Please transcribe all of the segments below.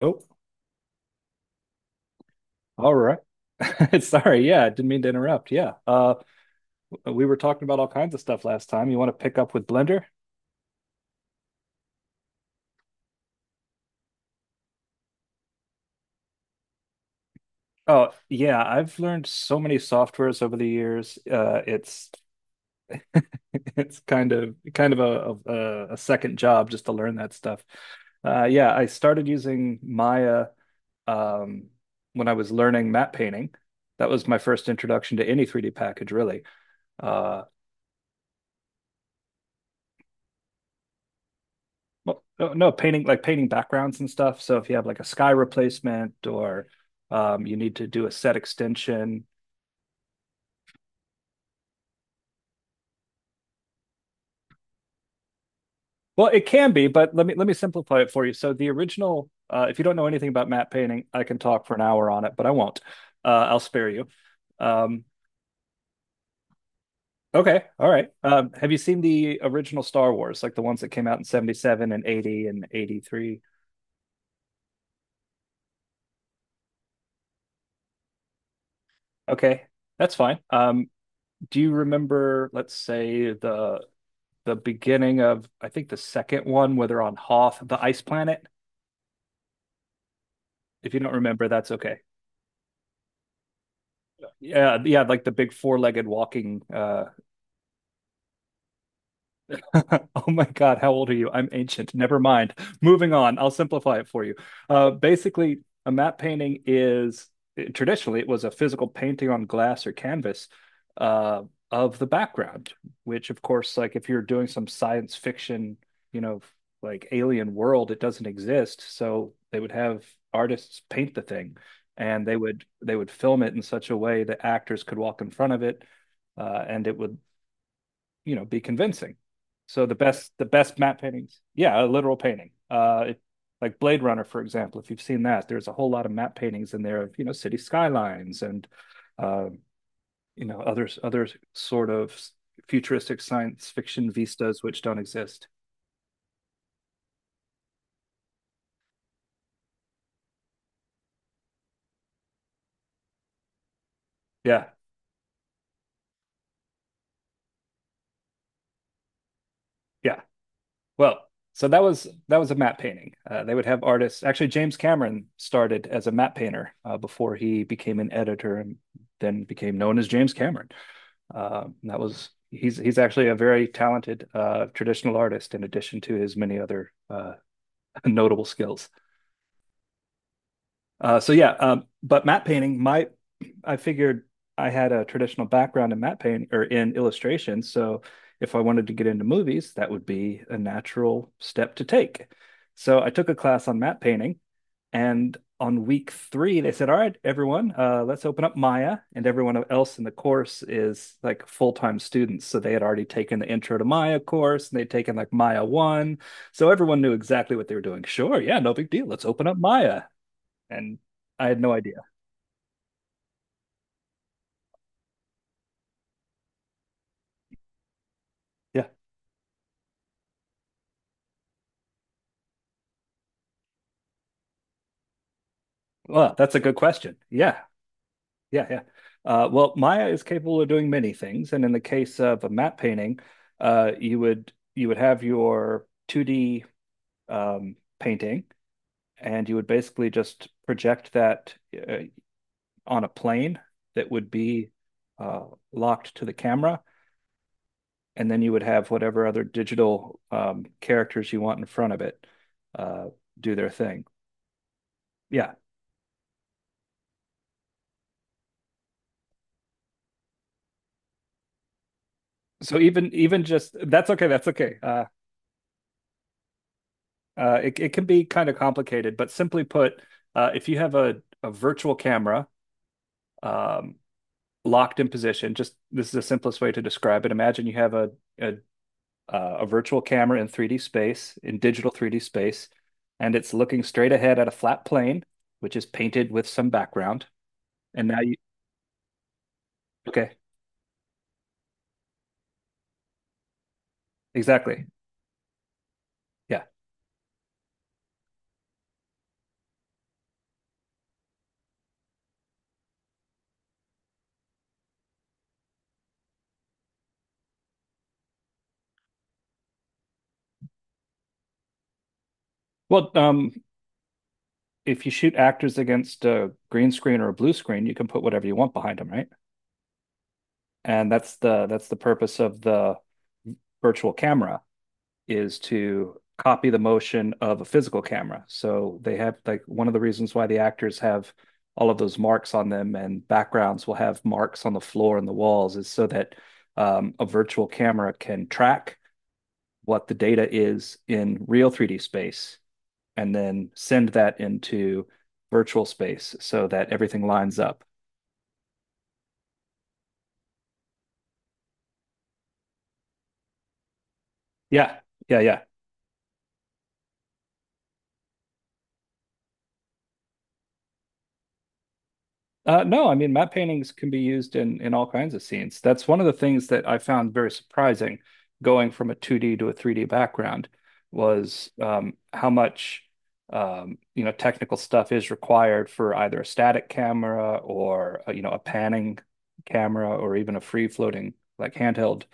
Oh, all right. Sorry, yeah, I didn't mean to interrupt. Yeah. We were talking about all kinds of stuff last time. You want to pick up with Blender? Oh, yeah, I've learned so many softwares over the years. It's it's kind of a second job just to learn that stuff. Yeah, I started using Maya um when I was learning matte painting. That was my first introduction to any 3D package, really. Uh Well, no, no, painting like painting backgrounds and stuff. So if you have like a sky replacement or you need to do a set extension, well, it can be, but let me simplify it for you. So the original, if you don't know anything about matte painting, I can talk for an hour on it, but I won't. I'll spare you. Um, okay, all right. Have you seen the original Star Wars, like the ones that came out in 77 and 80 and 83? Okay, that's fine. Do you remember, let's say, the beginning of I think the second one where they're on Hoth, the ice planet. If you don't remember, that's okay. Yeah, yeah, like the big four-legged walking oh my God, how old are you? I'm ancient. Never mind. Moving on. I'll simplify it for you. Basically, a matte painting is traditionally it was a physical painting on glass or canvas uh, of the background, which of course, like if you're doing some science fiction, you know, like alien world, it doesn't exist. So they would have artists paint the thing, and they would film it in such a way that actors could walk in front of it, and it would be convincing. So the best matte paintings, yeah, a literal painting. Like Blade Runner, for example, if you've seen that, there's a whole lot of matte paintings in there of city skylines and uh, other sort of futuristic science fiction vistas which don't exist. Yeah, yeah. Well, so that was a matte painting. They would have artists. Actually, James Cameron started as a matte painter before he became an editor and then became known as James Cameron. That was he's actually a very talented traditional artist in addition to his many other notable skills. So yeah, but matte painting, my I figured I had a traditional background in matte painting or in illustration, so if I wanted to get into movies, that would be a natural step to take. So I took a class on matte painting and on week 3, they said, "All right, everyone, let's open up Maya." And everyone else in the course is like full time students, so they had already taken the Intro to Maya course, and they'd taken like Maya one, so everyone knew exactly what they were doing. Sure, yeah, no big deal. Let's open up Maya, and I had no idea. Yeah, well, that's a good question. Yeah, yeah, yeah. Well, Maya is capable of doing many things, and in the case of a matte painting, you would have your 2D painting and you would basically just project that uh, on a plane that would be uh, locked to the camera, and then you would have whatever other digital characters you want in front of it uh, do their thing. Yeah. So even just that's okay. That's okay. It can be kind of complicated, but simply put, if you have a virtual camera um, locked in position, just this is the simplest way to describe it. Imagine you have a a virtual camera in 3D space, in digital 3D space, and it's looking straight ahead at a flat plane, which is painted with some background. And now you, okay, exactly. Yeah. Well, if you shoot actors against a green screen or a blue screen, you can put whatever you want behind them, right? And that's the purpose of the virtual camera. Is to copy the motion of a physical camera. So they have like one of the reasons why the actors have all of those marks on them and backgrounds will have marks on the floor and the walls is so that a virtual camera can track what the data is in real 3D space and then send that into virtual space so that everything lines up. Yeah, yeah, yeah. No, I mean matte paintings can be used in all kinds of scenes. That's one of the things that I found very surprising, going from a 2D to a 3D background, was how much technical stuff is required for either a static camera or a panning camera or even a free floating like handheld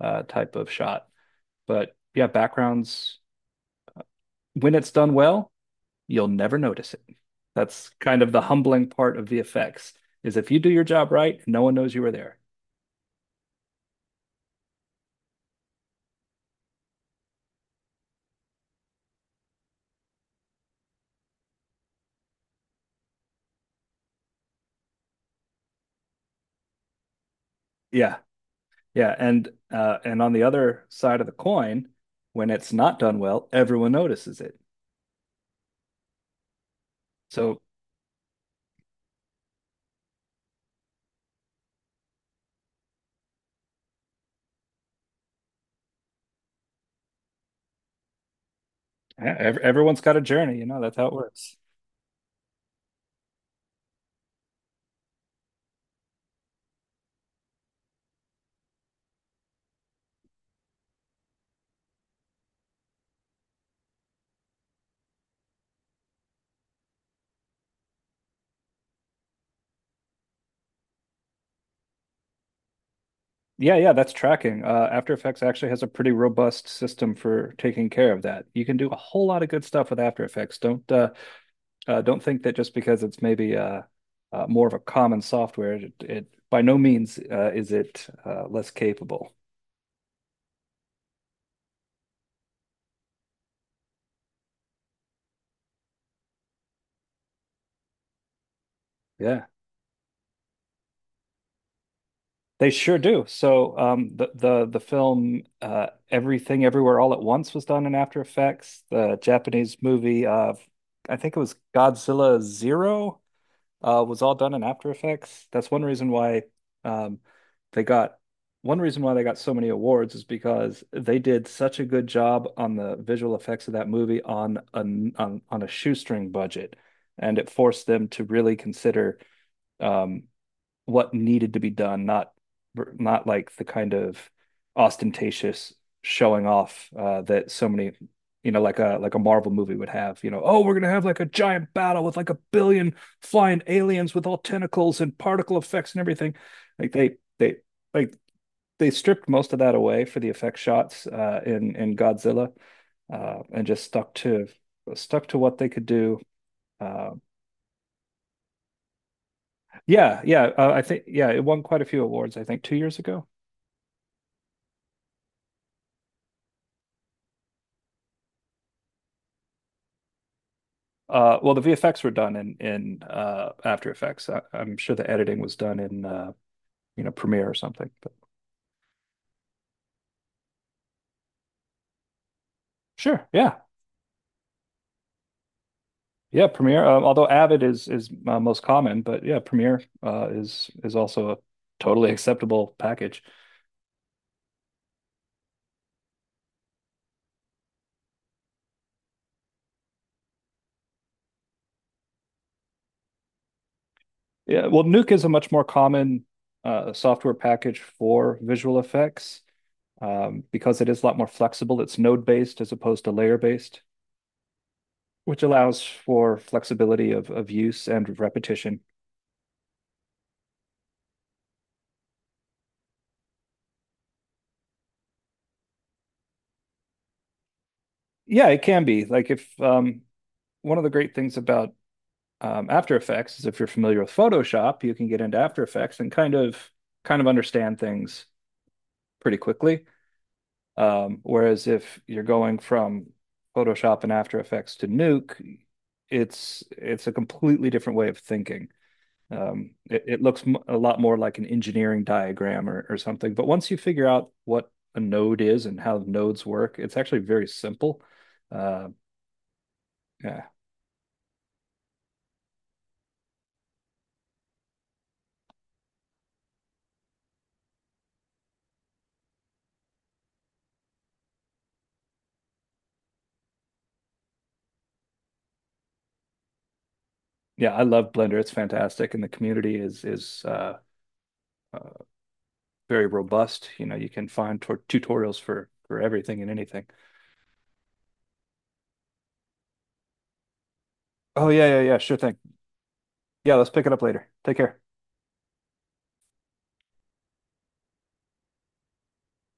type of shot. But yeah, backgrounds when it's done well you'll never notice it. That's kind of the humbling part of VFX is if you do your job right, no one knows you were there. Yeah, yeah, and on the other side of the coin, when it's not done well, everyone notices it. So yeah, everyone's got a journey, that's how it works. Yeah, that's tracking. After Effects actually has a pretty robust system for taking care of that. You can do a whole lot of good stuff with After Effects. Don't think that just because it's maybe more of a common software, it by no means is it less capable. Yeah, they sure do. So the film Everything Everywhere All at Once was done in After Effects. The Japanese movie, I think it was Godzilla Zero was all done in After Effects. That's one reason why um, they got one reason why they got so many awards is because they did such a good job on the visual effects of that movie on on a shoestring budget, and it forced them to really consider um, what needed to be done, not not like the kind of ostentatious showing off that so many like a Marvel movie would have. You know, oh, we're gonna have like a giant battle with like a billion flying aliens with all tentacles and particle effects and everything. Like like they stripped most of that away for the effect shots in Godzilla, and just stuck to what they could do. Uh, yeah, I think yeah, it won quite a few awards. I think 2 years ago. Well, the VFX were done in After Effects. I'm sure the editing was done in Premiere or something. But sure, yeah, yeah, Premiere. Although Avid is most common, but yeah, Premiere is also a totally acceptable package. Yeah, well, Nuke is a much more common software package for visual effects because it is a lot more flexible. It's node based as opposed to layer based, which allows for flexibility of use and repetition. Yeah, it can be. Like if one of the great things about After Effects is if you're familiar with Photoshop, you can get into After Effects and kind of understand things pretty quickly. Whereas if you're going from Photoshop and After Effects to Nuke, it's a completely different way of thinking. It looks m a lot more like an engineering diagram or something. But once you figure out what a node is and how nodes work, it's actually very simple. Uh, yeah. Yeah, I love Blender. It's fantastic, and the community is uh, very robust. You know, you can find tutorials for everything and anything. Oh yeah, yeah, yeah. Sure thing. Yeah, let's pick it up later. Take care.